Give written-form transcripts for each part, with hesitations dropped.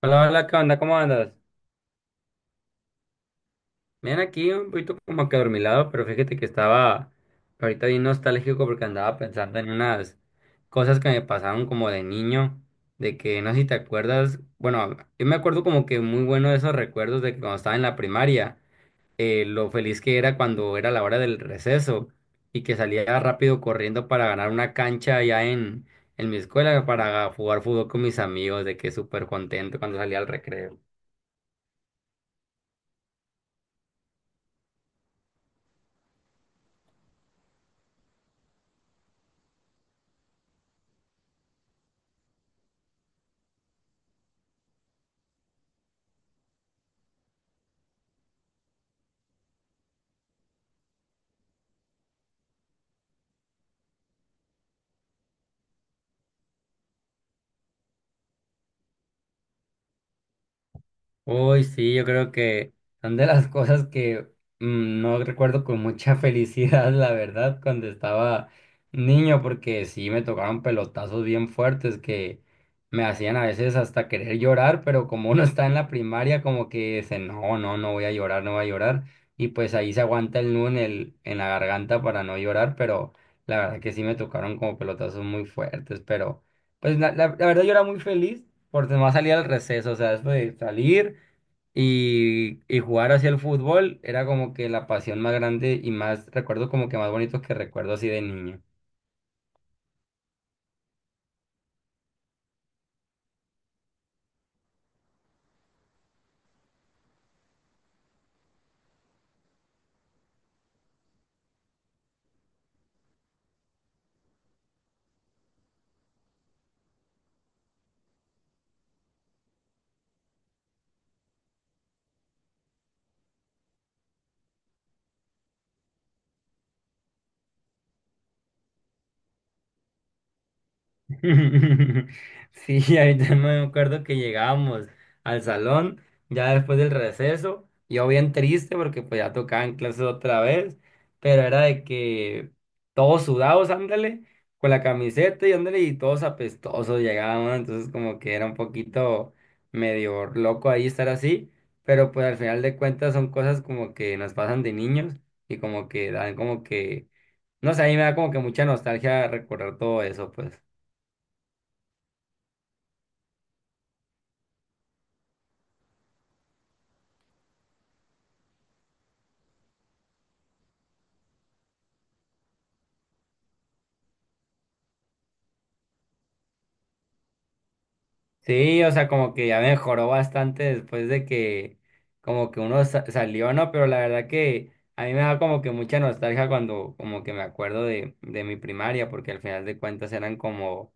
Hola, hola, ¿qué onda? ¿Cómo andas? Bien, aquí un poquito como que adormilado, pero fíjate que estaba ahorita bien nostálgico porque andaba pensando en unas cosas que me pasaron como de niño, de que no sé si te acuerdas, bueno, yo me acuerdo como que muy bueno de esos recuerdos de que cuando estaba en la primaria, lo feliz que era cuando era la hora del receso y que salía rápido corriendo para ganar una cancha allá en mi escuela para jugar fútbol con mis amigos, de que súper contento cuando salía al recreo. Uy, sí, yo creo que son de las cosas que no recuerdo con mucha felicidad, la verdad, cuando estaba niño, porque sí me tocaron pelotazos bien fuertes que me hacían a veces hasta querer llorar, pero como uno está en la primaria, como que dice, no, no, no voy a llorar, no voy a llorar, y pues ahí se aguanta el nudo en la garganta para no llorar, pero la verdad que sí me tocaron como pelotazos muy fuertes, pero pues la verdad yo era muy feliz por demás salir al receso, o sea, después de salir. Y jugar hacia el fútbol era como que la pasión más grande y más, recuerdo como que más bonito que recuerdo así de niño. Sí, ahorita no me acuerdo que llegábamos al salón ya después del receso, yo bien triste porque pues ya tocaban clases otra vez, pero era de que todos sudados, ándale, con la camiseta y ándale, y todos apestosos llegábamos, entonces como que era un poquito medio loco ahí estar así, pero pues al final de cuentas son cosas como que nos pasan de niños y como que dan como que, no sé, a mí me da como que mucha nostalgia recordar todo eso, pues. Sí, o sea, como que ya mejoró bastante después de que como que salió, ¿no? Pero la verdad que a mí me da como que mucha nostalgia cuando como que me acuerdo de mi primaria, porque al final de cuentas eran como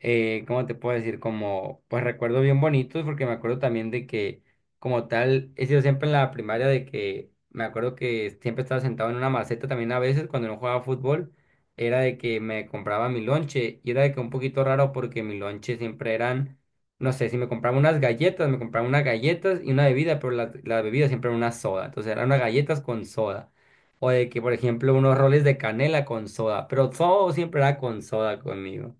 ¿cómo te puedo decir? Como, pues recuerdos bien bonitos, porque me acuerdo también de que, como tal, he sido siempre en la primaria de que, me acuerdo que siempre estaba sentado en una maceta también a veces cuando no jugaba fútbol, era de que me compraba mi lonche, y era de que un poquito raro porque mi lonche siempre eran, no sé, si me compraba unas galletas, me compraba unas galletas y una bebida, pero la bebida siempre era una soda, entonces eran unas galletas con soda. O de que, por ejemplo, unos roles de canela con soda, pero todo siempre era con soda conmigo.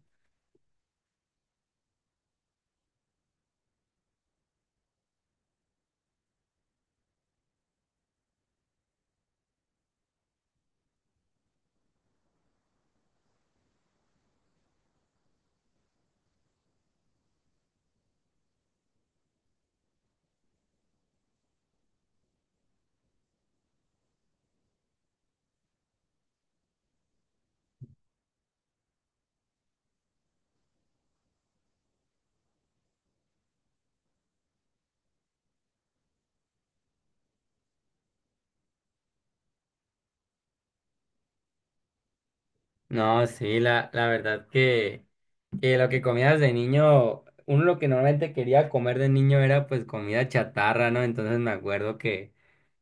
No, sí, la verdad que lo que comías de niño, uno lo que normalmente quería comer de niño era pues comida chatarra, ¿no? Entonces me acuerdo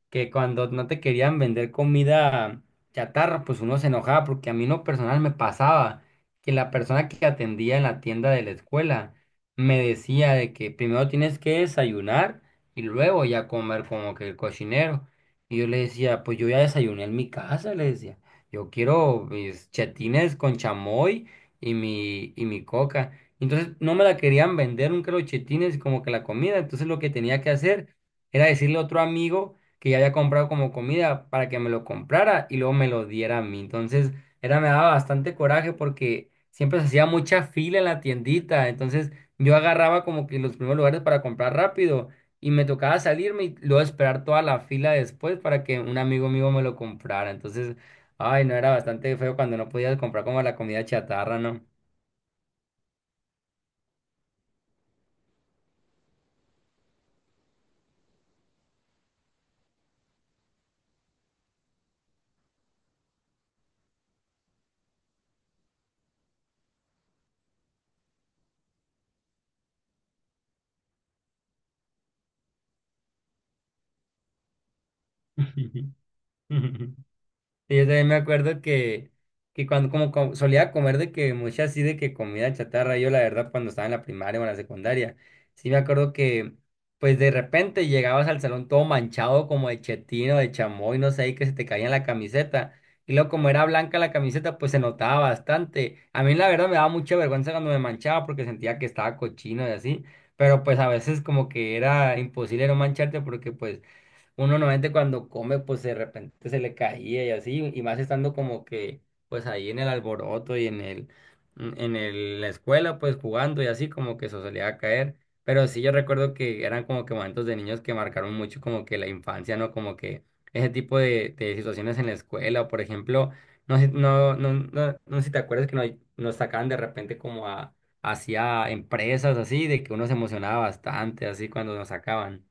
que cuando no te querían vender comida chatarra, pues uno se enojaba, porque a mí no personal me pasaba que la persona que atendía en la tienda de la escuela me decía de que primero tienes que desayunar y luego ya comer como que el cocinero. Y yo le decía, pues yo ya desayuné en mi casa, le decía, yo quiero mis chetines con chamoy y mi coca. Entonces no me la querían vender nunca los chetines como que la comida. Entonces lo que tenía que hacer era decirle a otro amigo que ya había comprado como comida para que me lo comprara y luego me lo diera a mí. Entonces, era, me daba bastante coraje porque siempre se hacía mucha fila en la tiendita. Entonces, yo agarraba como que los primeros lugares para comprar rápido y me tocaba salirme y luego esperar toda la fila después para que un amigo mío me lo comprara. Entonces, ay, no, era bastante feo cuando no podías comprar como la comida chatarra, ¿no? Y yo también me acuerdo que, solía comer de que mucha así de que comida chatarra, yo la verdad cuando estaba en la primaria o en la secundaria, sí me acuerdo que pues de repente llegabas al salón todo manchado como de chetino, de chamoy, no sé, y que se te caía en la camiseta. Y luego como era blanca la camiseta, pues se notaba bastante. A mí la verdad me daba mucha vergüenza cuando me manchaba porque sentía que estaba cochino y así. Pero pues a veces como que era imposible no mancharte porque pues uno normalmente cuando come, pues de repente se le caía y así, y más estando como que, pues ahí en el alboroto y en el, mm, en el- la escuela, pues jugando y así, como que eso solía caer. Pero sí, yo recuerdo que eran como que momentos de niños que marcaron mucho como que la infancia, ¿no? Como que ese tipo de situaciones en la escuela, por ejemplo, no sé, no sé si te acuerdas que nos sacaban de repente como a, hacia empresas así, de que uno se emocionaba bastante así cuando nos sacaban.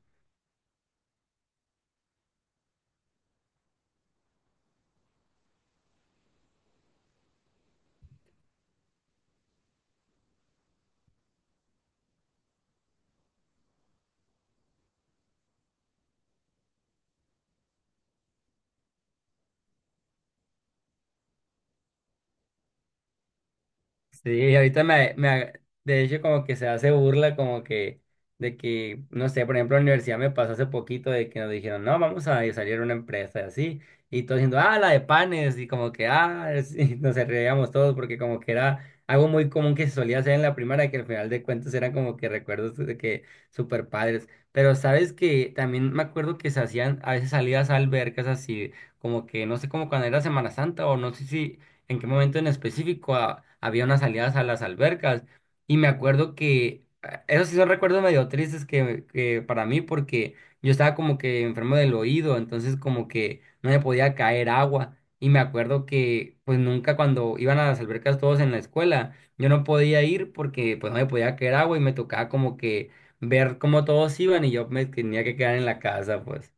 Sí, de hecho como que se hace burla como que de que, no sé, por ejemplo, en la universidad me pasó hace poquito de que nos dijeron, no, vamos a salir a una empresa y así, y todos diciendo, ah, la de panes, y como que, ah, sí, nos reíamos todos porque como que era algo muy común que se solía hacer en la primaria, que al final de cuentas eran como que recuerdos de que super padres, pero sabes que también me acuerdo que se hacían a veces salidas a albercas así, como que, no sé, como cuando era Semana Santa o no sé si en qué momento en específico había unas salidas a las albercas. Y me acuerdo que, esos sí son recuerdos medio tristes que para mí, porque yo estaba como que enfermo del oído, entonces como que no me podía caer agua. Y me acuerdo que pues nunca cuando iban a las albercas todos en la escuela, yo no podía ir porque pues no me podía caer agua y me tocaba como que ver cómo todos iban y yo me tenía que quedar en la casa, pues.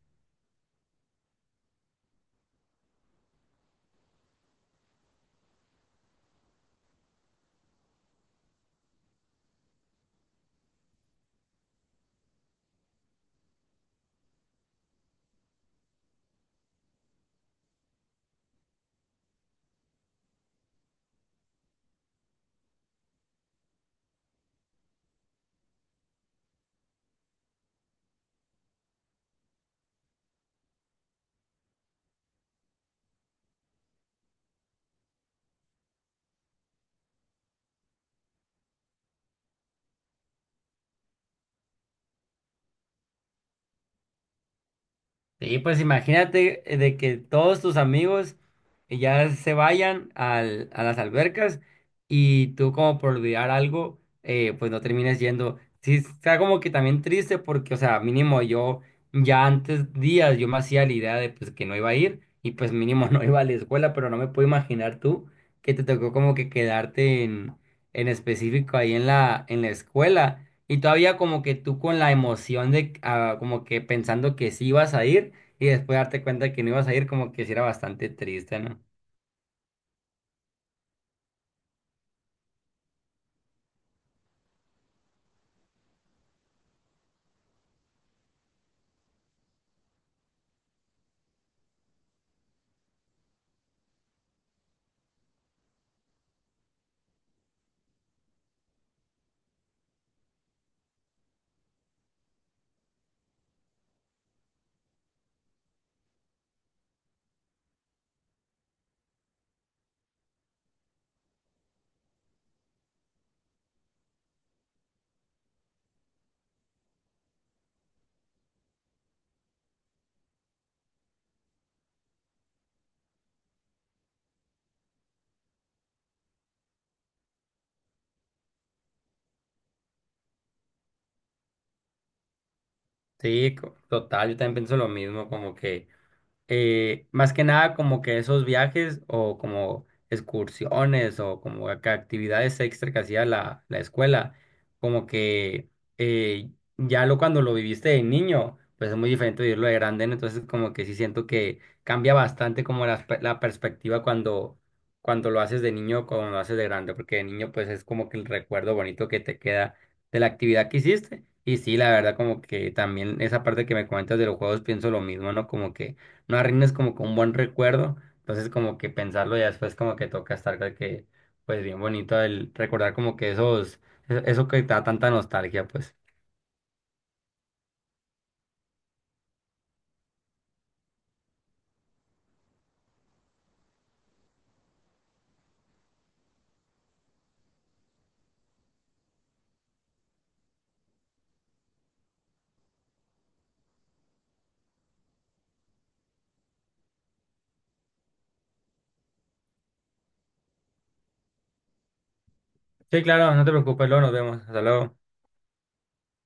Sí, pues imagínate de que todos tus amigos a las albercas y tú como por olvidar algo, pues no termines yendo. Sí, está como que también triste porque, o sea, mínimo yo ya antes días yo me hacía la idea de pues que no iba a ir y pues mínimo no iba a la escuela, pero no me puedo imaginar tú que te tocó como que quedarte en específico ahí en en la escuela y todavía como que tú con la emoción de ah, como que pensando que sí ibas a ir. Y después darte cuenta que no ibas a ir, como que sí era bastante triste, ¿no? Sí, total, yo también pienso lo mismo, como que más que nada como que esos viajes o como excursiones o como que actividades extra que hacía la escuela, como que eh, ya lo cuando lo viviste de niño, pues es muy diferente vivirlo de grande, ¿no? Entonces como que sí siento que cambia bastante como la perspectiva cuando lo haces de niño o cuando lo haces de grande, porque de niño pues es como que el recuerdo bonito que te queda de la actividad que hiciste. Y sí, la verdad, como que también esa parte que me comentas de los juegos pienso lo mismo, ¿no? Como que no arruines como con un buen recuerdo. Entonces como que pensarlo ya después como que toca estar de que, pues bien bonito el recordar como que esos, eso que te da tanta nostalgia, pues. Sí, claro, no te preocupes, luego nos vemos. Hasta luego.